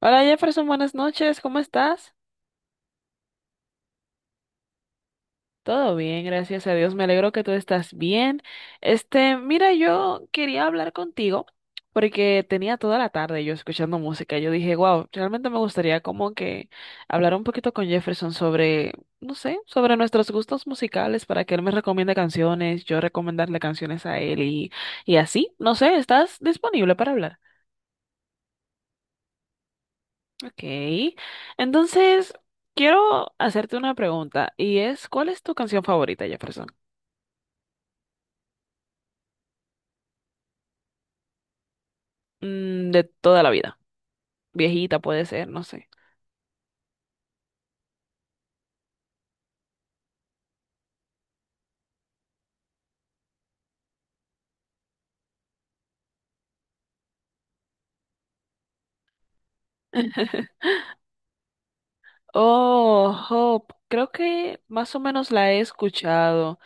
Hola Jefferson, buenas noches, ¿cómo estás? Todo bien, gracias a Dios, me alegro que tú estás bien. Mira, yo quería hablar contigo porque tenía toda la tarde yo escuchando música. Yo dije, wow, realmente me gustaría como que hablar un poquito con Jefferson sobre, no sé, sobre nuestros gustos musicales para que él me recomiende canciones, yo recomendarle canciones a él y así. No sé, ¿estás disponible para hablar? Ok. Entonces, quiero hacerte una pregunta y es, ¿cuál es tu canción favorita, Jefferson? Mm, de toda la vida. Viejita puede ser, no sé. Oh, Hope. Creo que más o menos la he escuchado.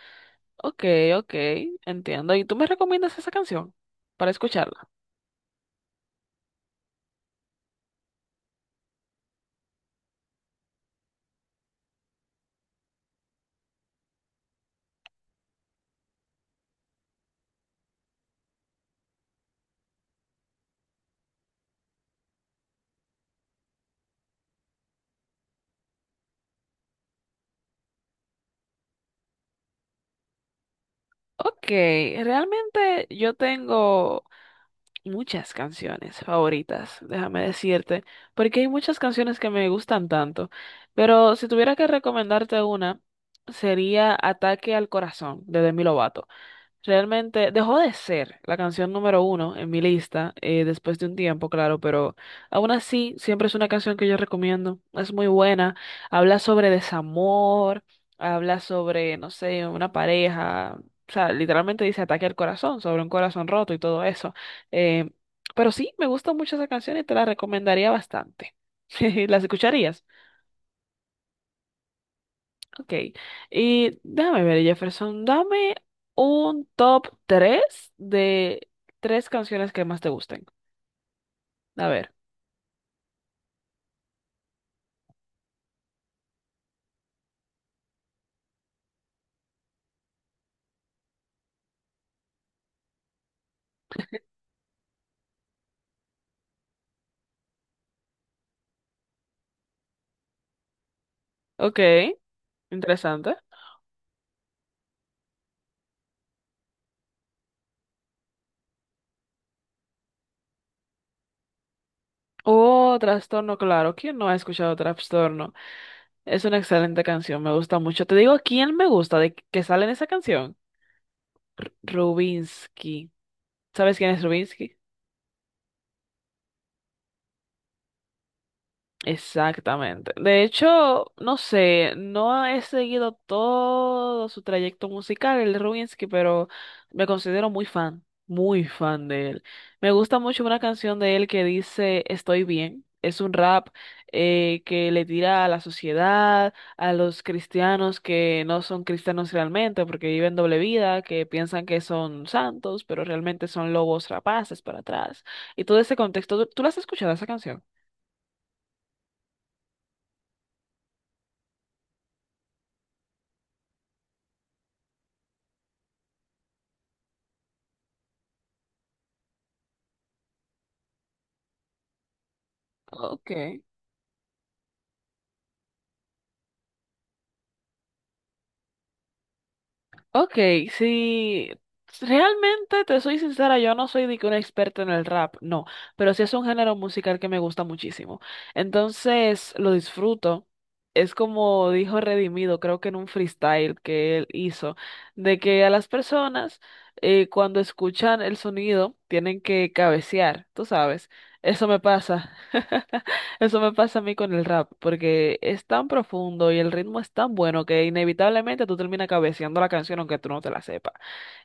Ok, ok, entiendo. ¿Y tú me recomiendas esa canción para escucharla? Ok, realmente yo tengo muchas canciones favoritas, déjame decirte, porque hay muchas canciones que me gustan tanto, pero si tuviera que recomendarte una, sería Ataque al Corazón de Demi Lovato. Realmente dejó de ser la canción número uno en mi lista después de un tiempo, claro, pero aún así siempre es una canción que yo recomiendo. Es muy buena, habla sobre desamor, habla sobre, no sé, una pareja, o sea, literalmente dice ataque al corazón, sobre un corazón roto y todo eso. Eh, pero sí, me gusta mucho esa canción y te la recomendaría bastante. ¿Las escucharías? Ok. Y déjame ver, Jefferson, dame un top 3 de tres canciones que más te gusten. A ver. Ok, interesante. Oh, Trastorno, claro. ¿Quién no ha escuchado Trastorno? Es una excelente canción, me gusta mucho. Te digo, ¿quién me gusta de que sale en esa canción? Rubinsky. ¿Sabes quién es Rubinsky? Exactamente. De hecho, no sé, no he seguido todo su trayecto musical, el de Rubinsky, pero me considero muy fan de él. Me gusta mucho una canción de él que dice Estoy bien. Es un rap que le tira a la sociedad, a los cristianos que no son cristianos realmente, porque viven doble vida, que piensan que son santos, pero realmente son lobos rapaces para atrás. Y todo ese contexto, ¿tú la has escuchado esa canción? Ok. Ok, si realmente te soy sincera, yo no soy de que una experta en el rap, no, pero sí es un género musical que me gusta muchísimo. Entonces lo disfruto. Es como dijo Redimido, creo que en un freestyle que él hizo, de que a las personas cuando escuchan el sonido tienen que cabecear, tú sabes, eso me pasa. Eso me pasa a mí con el rap, porque es tan profundo y el ritmo es tan bueno que inevitablemente tú terminas cabeceando la canción aunque tú no te la sepas.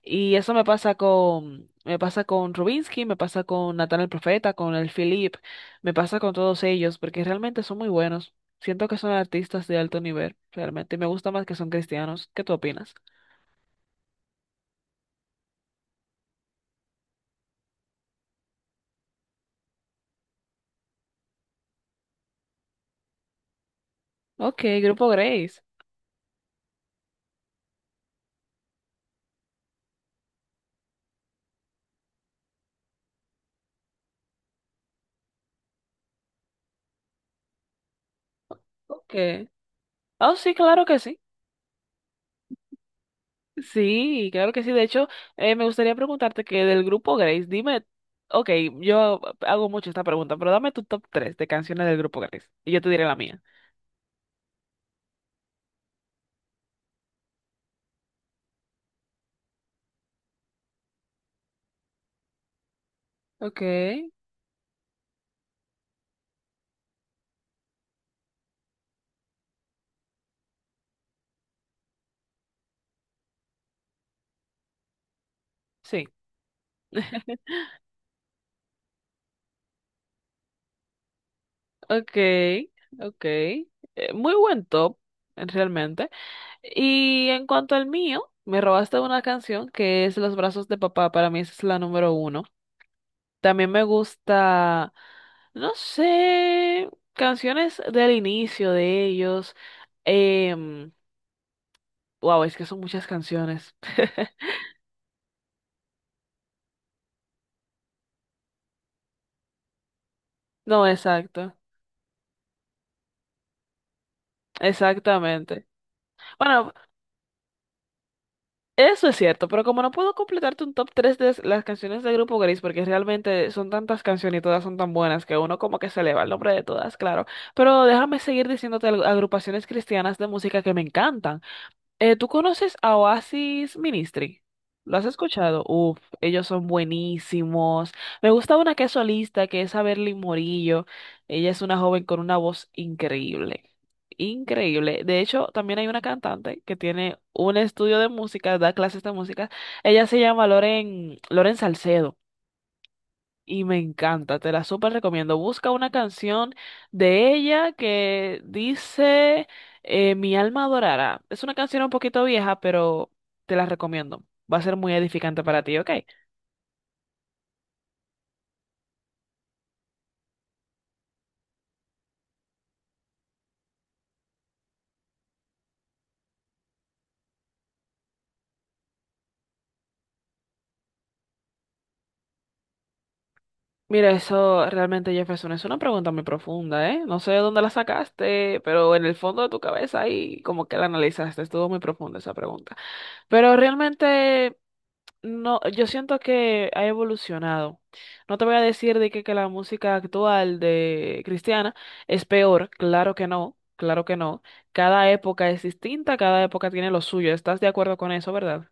Y eso me pasa con Rubinsky, me pasa con Natán el Profeta, con el Philip, me pasa con todos ellos, porque realmente son muy buenos. Siento que son artistas de alto nivel, realmente. Y me gusta más que son cristianos. ¿Qué tú opinas? Ok, Grupo Grace. Ok. Oh, sí, claro que sí. Sí, claro que sí. De hecho, me gustaría preguntarte que del grupo Grace, dime, ok, yo hago mucho esta pregunta, pero dame tu top 3 de canciones del grupo Grace y yo te diré la mía. Ok, sí, ok, ok. Muy buen top, realmente. Y en cuanto al mío, me robaste una canción que es Los brazos de papá, para mí esa es la número uno. También me gusta, no sé, canciones del inicio de ellos. em, Wow, es que son muchas canciones. No, exacto. Exactamente. Bueno, eso es cierto, pero como no puedo completarte un top 3 de las canciones del grupo Gris, porque realmente son tantas canciones y todas son tan buenas que uno como que se eleva el nombre de todas, claro. Pero déjame seguir diciéndote agrupaciones cristianas de música que me encantan. ¿Tú conoces a Oasis Ministry? ¿Lo has escuchado? Uf, ellos son buenísimos. Me gusta una que es solista, que es Averly Morillo. Ella es una joven con una voz increíble. Increíble. De hecho, también hay una cantante que tiene un estudio de música, da clases de música. Ella se llama Loren Salcedo y me encanta, te la súper recomiendo. Busca una canción de ella que dice Mi alma adorará. Es una canción un poquito vieja, pero te la recomiendo. Va a ser muy edificante para ti, ¿ok? Mira, eso realmente, Jefferson, es una pregunta muy profunda, ¿eh? No sé de dónde la sacaste, pero en el fondo de tu cabeza ahí como que la analizaste. Estuvo muy profunda esa pregunta. Pero realmente... No, yo siento que ha evolucionado. No te voy a decir de que la música actual de cristiana es peor, claro que no, claro que no. Cada época es distinta, cada época tiene lo suyo. ¿Estás de acuerdo con eso, verdad?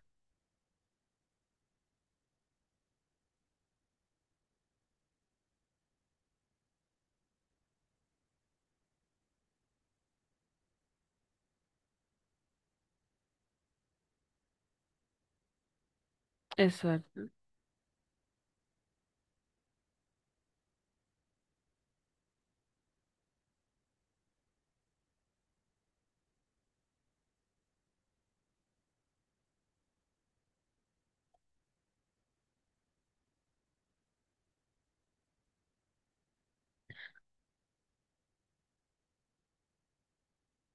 Exacto.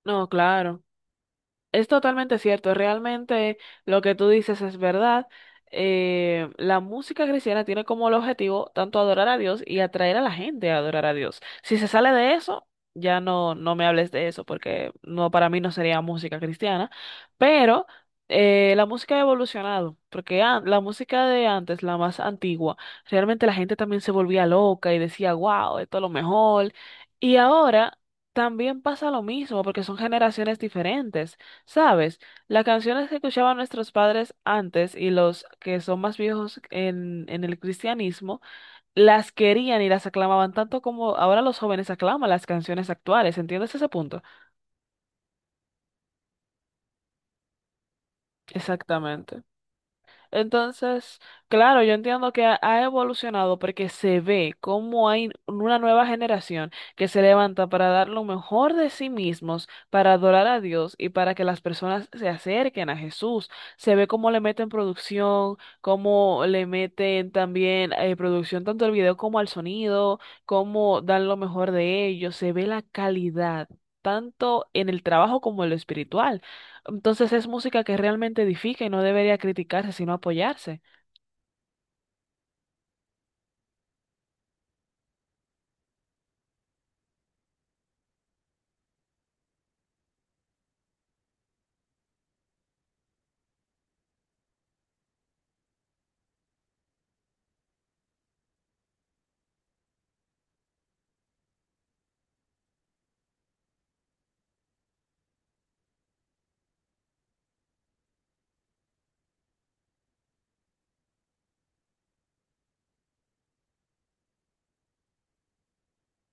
No, claro. Es totalmente cierto, realmente lo que tú dices es verdad. La música cristiana tiene como el objetivo tanto adorar a Dios y atraer a la gente a adorar a Dios. Si se sale de eso, ya no, no me hables de eso porque no, para mí no sería música cristiana, pero la música ha evolucionado, porque la música de antes, la más antigua, realmente la gente también se volvía loca y decía, wow, esto es lo mejor. Y ahora... También pasa lo mismo porque son generaciones diferentes. Sabes, las canciones que escuchaban nuestros padres antes y los que son más viejos en el cristianismo, las querían y las aclamaban tanto como ahora los jóvenes aclaman las canciones actuales. ¿Entiendes ese punto? Exactamente. Entonces, claro, yo entiendo que ha evolucionado porque se ve cómo hay una nueva generación que se levanta para dar lo mejor de sí mismos, para adorar a Dios y para que las personas se acerquen a Jesús. Se ve cómo le meten producción, cómo le meten también producción tanto al video como al sonido, cómo dan lo mejor de ellos. Se ve la calidad, tanto en el trabajo como en lo espiritual. Entonces es música que realmente edifica y no debería criticarse, sino apoyarse.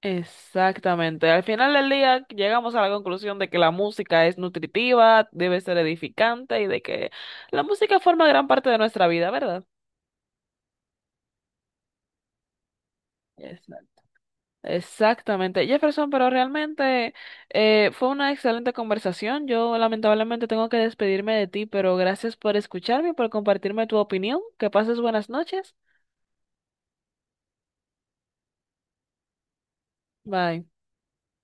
Exactamente. Al final del día llegamos a la conclusión de que la música es nutritiva, debe ser edificante y de que la música forma gran parte de nuestra vida, ¿verdad? Exacto. Exactamente. Jefferson, pero realmente fue una excelente conversación. Yo lamentablemente tengo que despedirme de ti, pero gracias por escucharme y por compartirme tu opinión. Que pases buenas noches. Bye.